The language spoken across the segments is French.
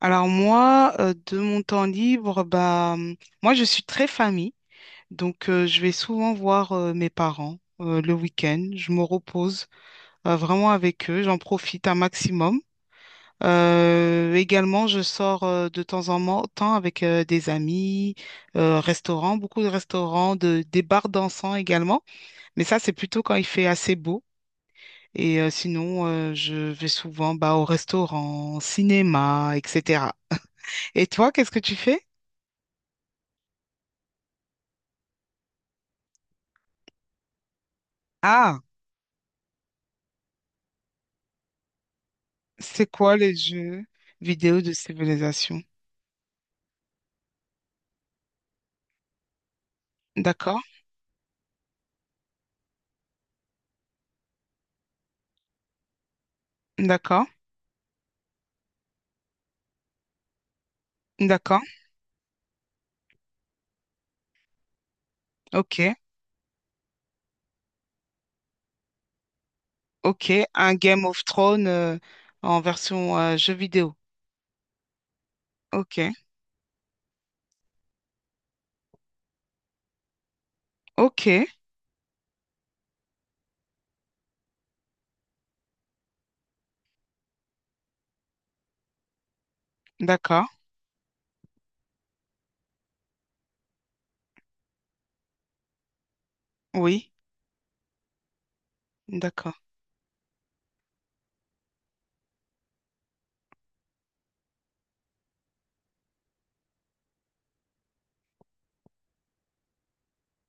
Alors moi, de mon temps libre, moi je suis très famille, donc je vais souvent voir mes parents le week-end. Je me repose vraiment avec eux, j'en profite un maximum. Également, je sors de temps avec des amis, restaurants, beaucoup de restaurants, des bars dansants également. Mais ça, c'est plutôt quand il fait assez beau. Et sinon, je vais souvent bah, au restaurant, cinéma, etc. Et toi, qu'est-ce que tu fais? Ah, c'est quoi les jeux vidéo de civilisation? D'accord, d'accord, d'accord. Ok, ok. Un Game of Thrones en version jeu vidéo. Ok, ok, d'accord. Oui, d'accord.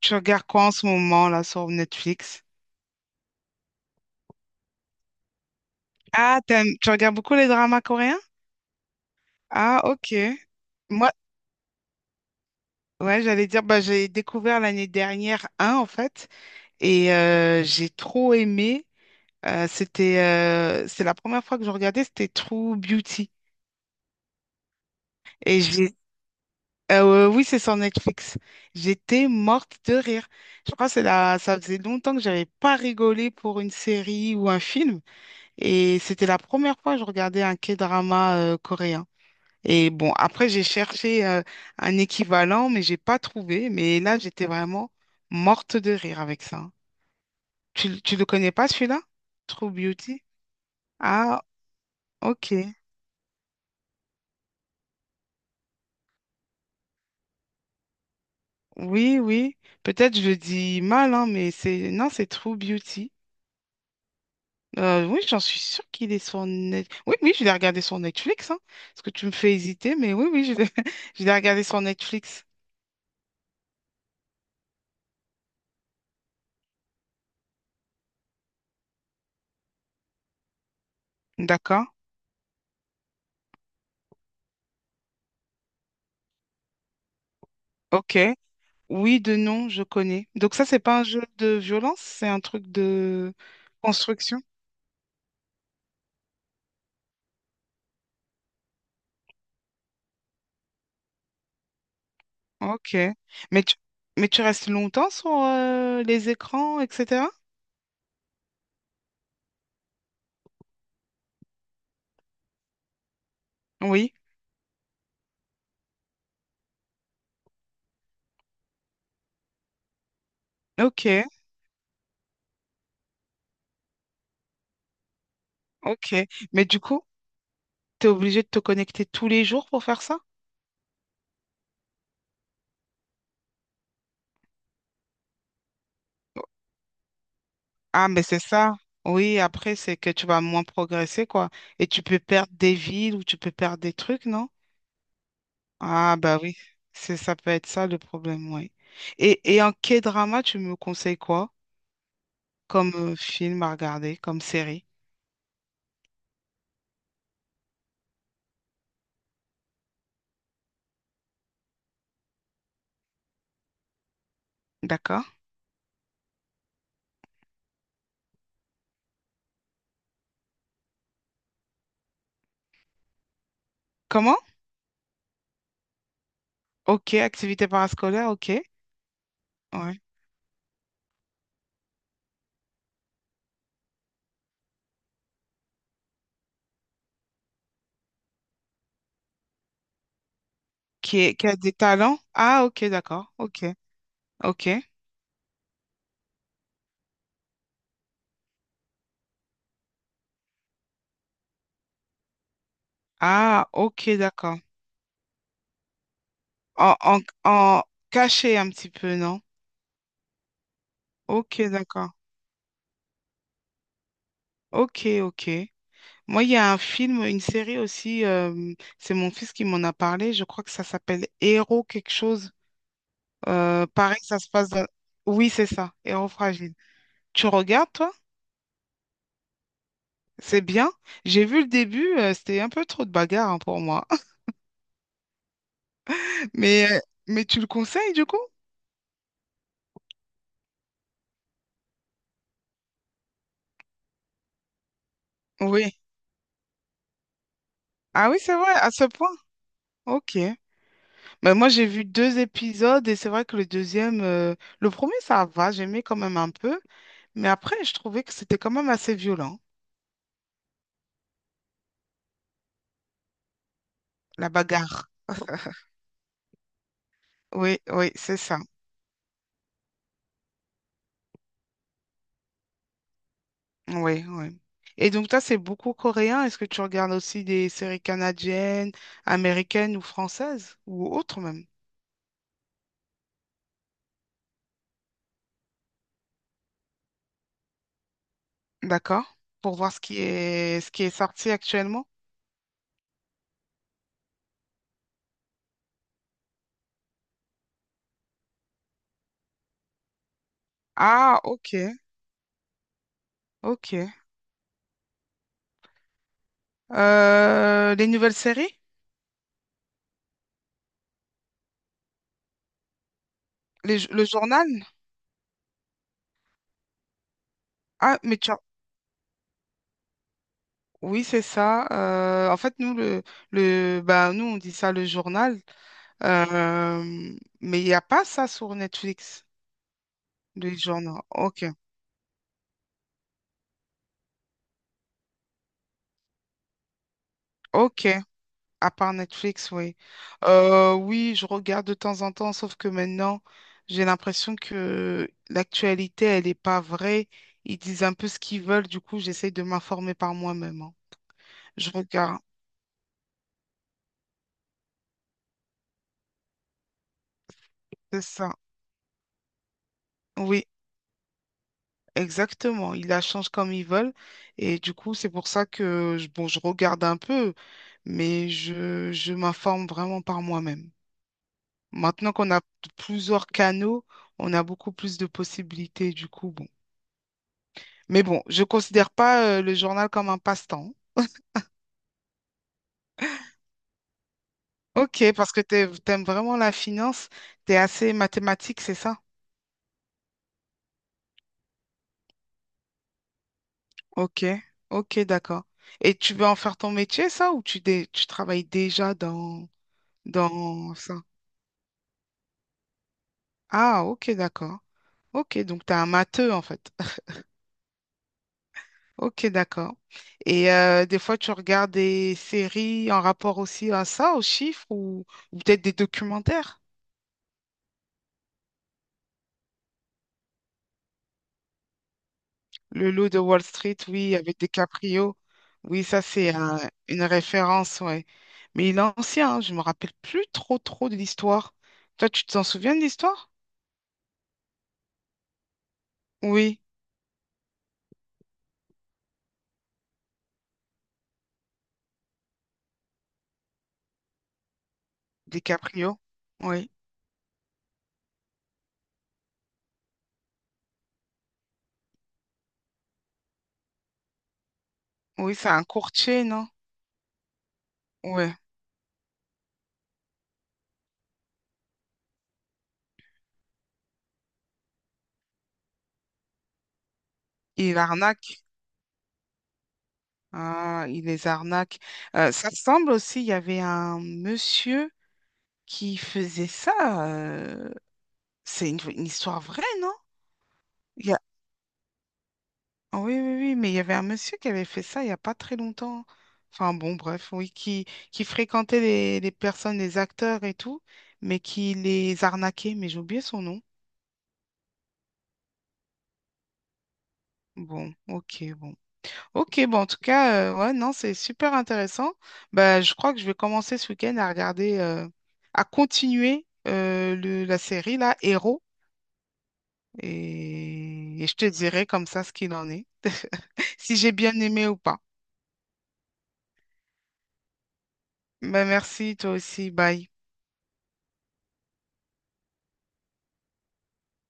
Tu regardes quoi en ce moment là sur Netflix? Ah, t'aimes, tu regardes beaucoup les dramas coréens? Ah, ok. Moi, ouais, j'allais dire, bah, j'ai découvert l'année dernière un en fait, et j'ai trop aimé. C'est la première fois que je regardais, c'était True Beauty. Et oui, c'est sur Netflix. J'étais morte de rire. Je crois que c'est la, ça faisait longtemps que j'avais pas rigolé pour une série ou un film. Et c'était la première fois que je regardais un K-drama, coréen. Et bon, après, j'ai cherché, un équivalent, mais j'ai pas trouvé. Mais là, j'étais vraiment morte de rire avec ça. Tu le connais pas, celui-là? True Beauty? Ah, ok. Oui, oui. Peut-être je le dis mal, hein, mais c'est non, c'est True Beauty. Oui, j'en suis sûre qu'il est sur Net... Oui, oui, je l'ai regardé sur Netflix, hein, parce que tu me fais hésiter, mais oui, oui, je l'ai je l'ai regardé sur Netflix. D'accord. Ok. Oui, de nom, je connais. Donc ça, c'est pas un jeu de violence, c'est un truc de construction. Ok. Mais tu, mais tu restes longtemps sur les écrans, etc. Oui. Ok. Ok. Mais du coup, tu es obligé de te connecter tous les jours pour faire ça? Ah, mais c'est ça. Oui, après, c'est que tu vas moins progresser, quoi. Et tu peux perdre des villes ou tu peux perdre des trucs, non? Ah, bah oui, c'est ça peut être ça le problème, oui. Et en K-drama, tu me conseilles quoi comme film à regarder, comme série? D'accord? Comment? Ok, activité parascolaire, ok. Ouais. Qui a des talents? Ah, ok, d'accord. Ok, ok. Ah, ok, d'accord. En caché un petit peu, non? Ok, d'accord. Ok, ok. Moi, il y a un film, une série aussi, c'est mon fils qui m'en a parlé, je crois que ça s'appelle Héros quelque chose. Pareil, ça se passe dans... Oui, c'est ça, Héros fragile. Tu regardes, toi? C'est bien. J'ai vu le début, c'était un peu trop de bagarre hein, pour moi. Mais, euh, mais tu le conseilles, du coup? Oui. Ah oui, c'est vrai, à ce point. Ok. Mais moi, j'ai vu deux épisodes et c'est vrai que le deuxième, le premier, ça va, j'aimais quand même un peu. Mais après, je trouvais que c'était quand même assez violent, la bagarre. Oui, oui, c'est ça. Oui, oui. Et donc, toi, c'est beaucoup coréen. Est-ce que tu regardes aussi des séries canadiennes, américaines ou françaises ou autres même? D'accord. Pour voir ce qui est sorti actuellement. Ah, ok, ok. Les nouvelles séries? Le journal? Ah, mais tu as- Oui, c'est ça. En fait, nous, nous, on dit ça le journal. Euh, mais il n'y a pas ça sur Netflix, le journal. Ok. Ok, à part Netflix, oui. Oui, je regarde de temps en temps, sauf que maintenant, j'ai l'impression que l'actualité, elle n'est pas vraie. Ils disent un peu ce qu'ils veulent, du coup, j'essaye de m'informer par moi-même, hein. Je regarde, c'est ça. Oui, exactement. Ils la changent comme ils veulent. Et du coup, c'est pour ça que, bon, je regarde un peu, je m'informe vraiment par moi-même. Maintenant qu'on a plusieurs canaux, on a beaucoup plus de possibilités, du coup, bon. Mais bon, je considère pas le journal comme un passe-temps. Ok, parce que t'aimes vraiment la finance, t'es assez mathématique, c'est ça? Ok, ok, d'accord. Et tu veux en faire ton métier, ça, ou tu travailles déjà dans, dans ça? Ah, ok, d'accord. Ok, donc t'es un matheux, en fait. Ok, d'accord. Et des fois, tu regardes des séries en rapport aussi à ça, aux chiffres, ou peut-être des documentaires? Le loup de Wall Street, oui, avec DiCaprio. Oui, ça, une référence, ouais. Mais il est ancien, hein, je me rappelle plus trop de l'histoire. Toi, tu t'en souviens de l'histoire? Oui, DiCaprio. Oui, oui, c'est un courtier, non? Ouais. Il arnaque. Ah, il les arnaque. Ça semble aussi, il y avait un monsieur qui faisait ça. euh, C'est une histoire vraie, non? Il Oui, oui, oui, mais il y avait un monsieur qui avait fait ça il n'y a pas très longtemps. Enfin bon, bref, qui fréquentait les personnes, les acteurs et tout, mais qui les arnaquait, mais j'ai oublié son nom. Bon, ok, bon. Ok, bon, en tout cas, ouais, non, c'est super intéressant. Bah, je crois que je vais commencer ce week-end à regarder, la série, là, Héros, et je te dirai comme ça ce qu'il en est, si j'ai bien aimé ou pas. Bah, merci, toi aussi, bye.